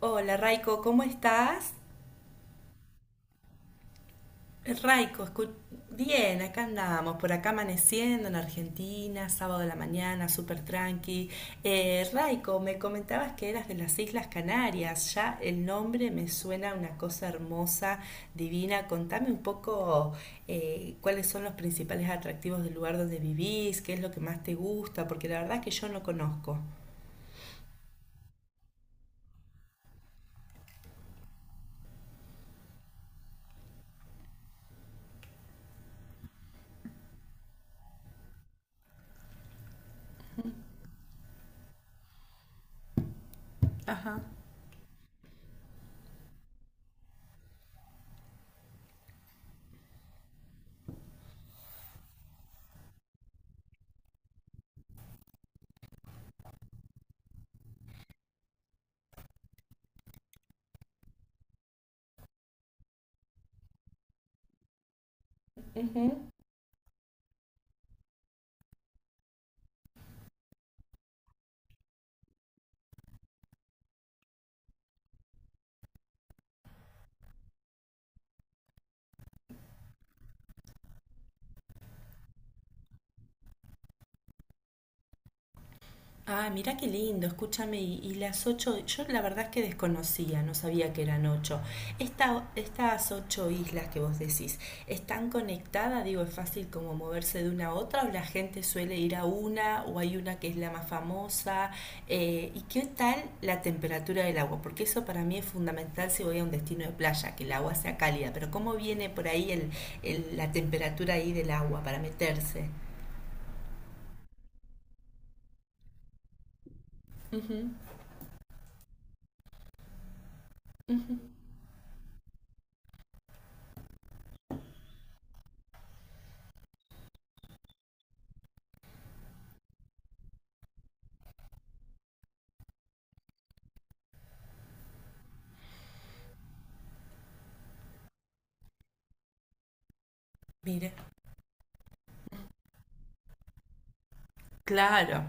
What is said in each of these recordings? Hola Raiko, ¿cómo estás? Raiko, escu- Bien, acá andamos, por acá amaneciendo en Argentina, sábado de la mañana, súper tranqui. Raiko, me comentabas que eras de las Islas Canarias, ya el nombre me suena a una cosa hermosa, divina. Contame un poco cuáles son los principales atractivos del lugar donde vivís, qué es lo que más te gusta, porque la verdad es que yo no conozco. Ajá. Ah, mirá qué lindo, escúchame, y las ocho, yo la verdad es que desconocía, no sabía que eran ocho. Estas ocho islas que vos decís, ¿están conectadas? Digo, ¿es fácil como moverse de una a otra o la gente suele ir a una o hay una que es la más famosa? ¿Y qué tal la temperatura del agua? Porque eso para mí es fundamental si voy a un destino de playa, que el agua sea cálida, pero ¿cómo viene por ahí la temperatura ahí del agua para meterse? Ujú. Mira, claro.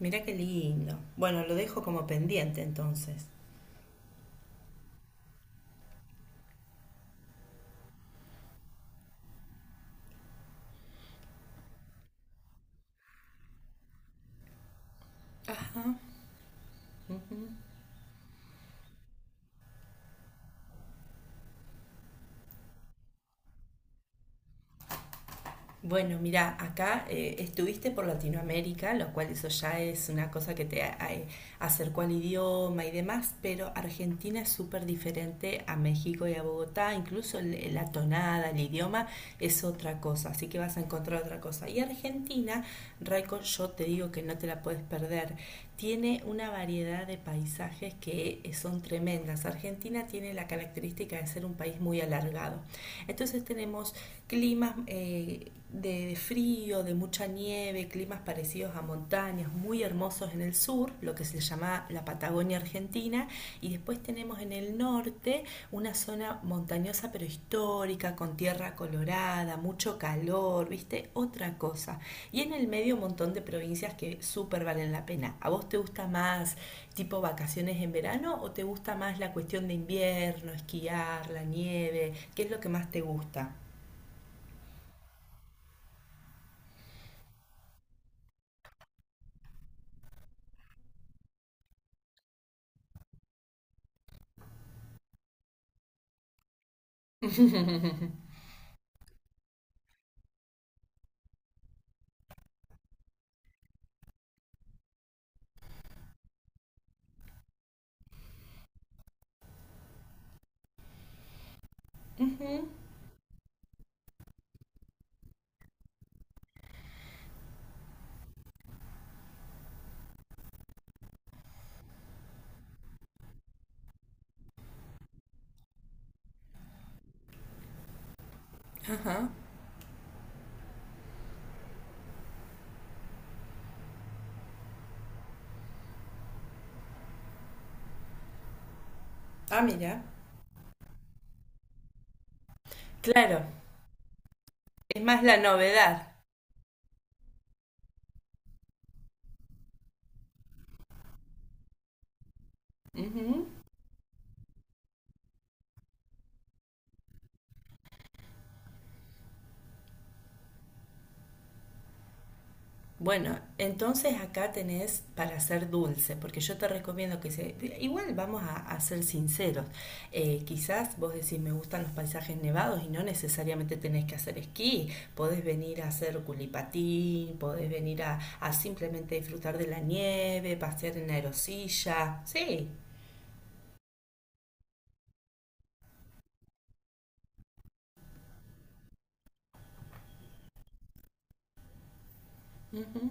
Mirá qué lindo. Bueno, lo dejo como pendiente entonces. Ajá. Ujú. Bueno, mira, acá estuviste por Latinoamérica, lo cual eso ya es una cosa que te acercó al idioma y demás, pero Argentina es súper diferente a México y a Bogotá, incluso la tonada, el idioma es otra cosa, así que vas a encontrar otra cosa. Y Argentina, Raico, yo te digo que no te la puedes perder, tiene una variedad de paisajes que son tremendas. Argentina tiene la característica de ser un país muy alargado. Entonces tenemos climas de frío, de mucha nieve, climas parecidos a montañas, muy hermosos en el sur, lo que se llama la Patagonia Argentina, y después tenemos en el norte una zona montañosa pero histórica, con tierra colorada, mucho calor, viste, otra cosa. Y en el medio un montón de provincias que súper valen la pena. ¿A vos te gusta más tipo vacaciones en verano o te gusta más la cuestión de invierno, esquiar, la nieve? ¿Qué es lo que más te gusta? Ujú. Ajá. Ah, mira. Claro, es más la novedad. Ujú. Bueno, entonces acá tenés para hacer dulce, porque yo te recomiendo que se... Igual vamos a ser sinceros. Quizás vos decís, me gustan los paisajes nevados y no necesariamente tenés que hacer esquí. Podés venir a hacer culipatín, podés venir a simplemente disfrutar de la nieve, pasear en aerosilla. Sí. Ujú.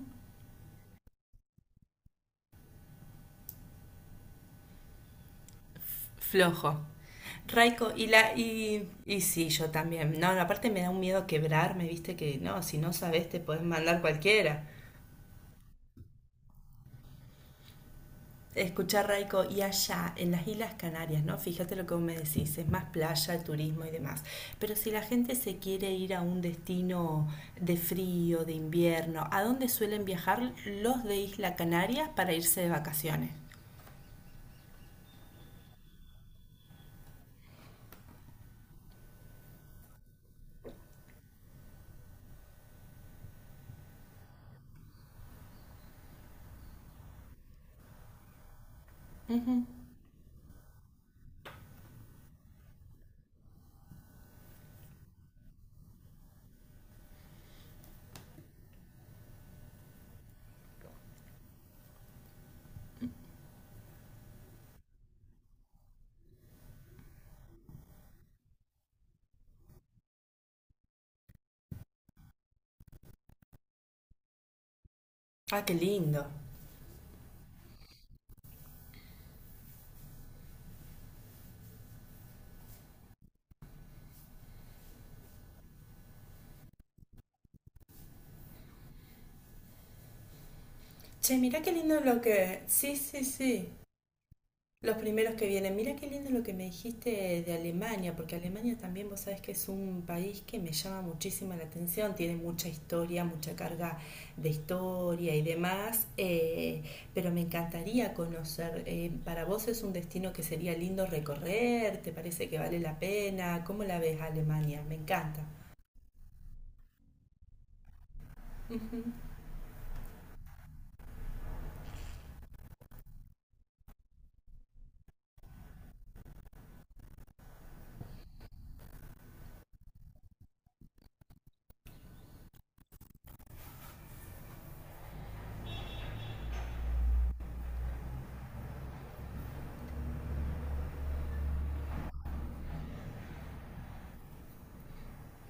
Flojo. Raiko, y sí, yo también. No, no, aparte me da un miedo quebrarme, viste, que no, si no sabes te puedes mandar cualquiera. Escuchar Raiko, y allá, en las Islas Canarias, ¿no? Fíjate lo que vos me decís, es más playa, turismo y demás. Pero si la gente se quiere ir a un destino de frío, de invierno, ¿a dónde suelen viajar los de Isla Canarias para irse de vacaciones? Ah, qué lindo. Che, mirá qué lindo lo que... Sí, sí, sí. Los primeros que vienen. Mira qué lindo lo que me dijiste de Alemania, porque Alemania también vos sabés que es un país que me llama muchísima la atención, tiene mucha historia, mucha carga de historia y demás, pero me encantaría conocer. ¿Para vos es un destino que sería lindo recorrer? ¿Te parece que vale la pena? ¿Cómo la ves a Alemania? Me encanta. Ujú.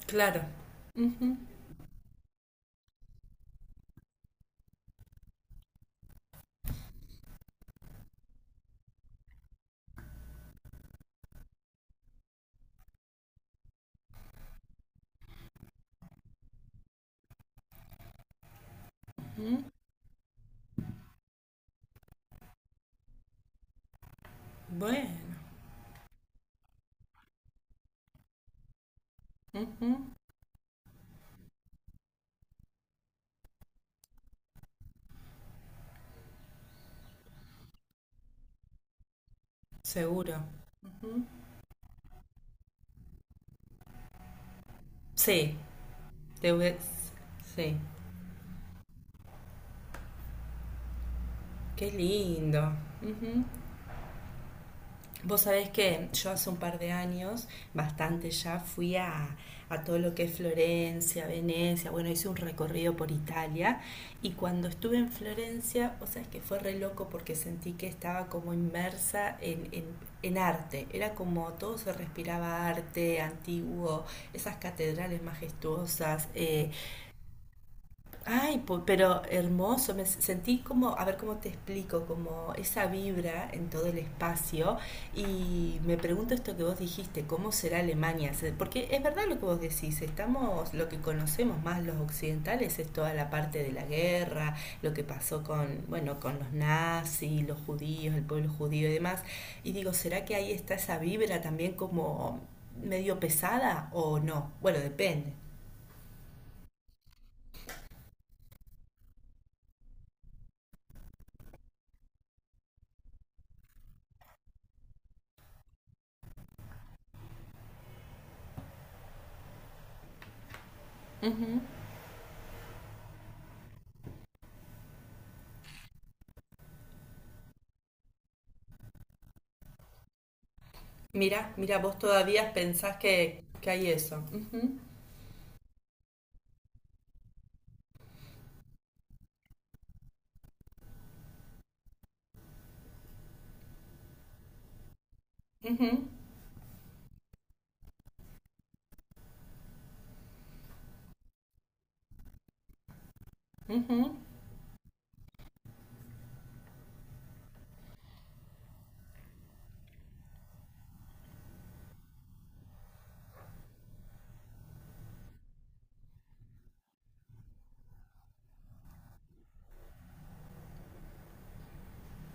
Claro, bueno, ujú, seguro. Ujú. Sí, te voy- sí. Qué lindo. Ujú. Vos sabés que yo hace un par de años, bastante ya, a todo lo que es Florencia, Venecia, bueno, hice un recorrido por Italia y cuando estuve en Florencia, vos sabés que fue re loco porque sentí que estaba como inmersa en arte, era como todo se respiraba arte antiguo, esas catedrales majestuosas, eh. Ay, pero hermoso, sentí como, a ver cómo te explico, como esa vibra en todo el espacio y me pregunto esto que vos dijiste, ¿cómo será Alemania? Porque es verdad lo que vos decís, estamos, lo que conocemos más los occidentales es toda la parte de la guerra, lo que pasó con, bueno, con los nazis, los judíos, el pueblo judío y demás, y digo, ¿será que ahí está esa vibra también como medio pesada o no? Bueno, depende. Mira, mira, vos todavía pensás que hay eso. Ujú, ujú, ujú.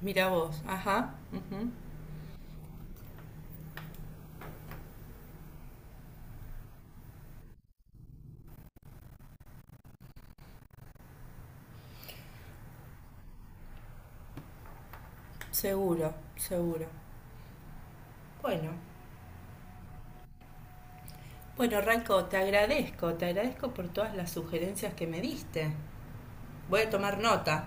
Mira vos, ajá, ujú. Seguro, seguro. Bueno, bueno, Raiko, te agradezco por todas las sugerencias que me diste. Voy a tomar nota.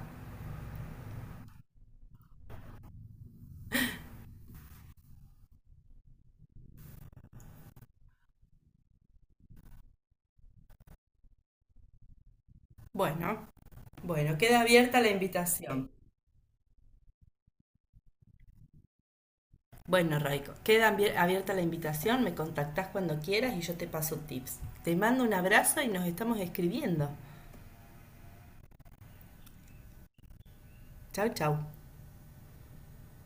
Bueno, bueno, queda abierta la invitación. Bueno, Raiko, queda abierta la invitación, me contactás cuando quieras y yo te paso tips. Te mando un abrazo y nos estamos escribiendo. Chau, chau.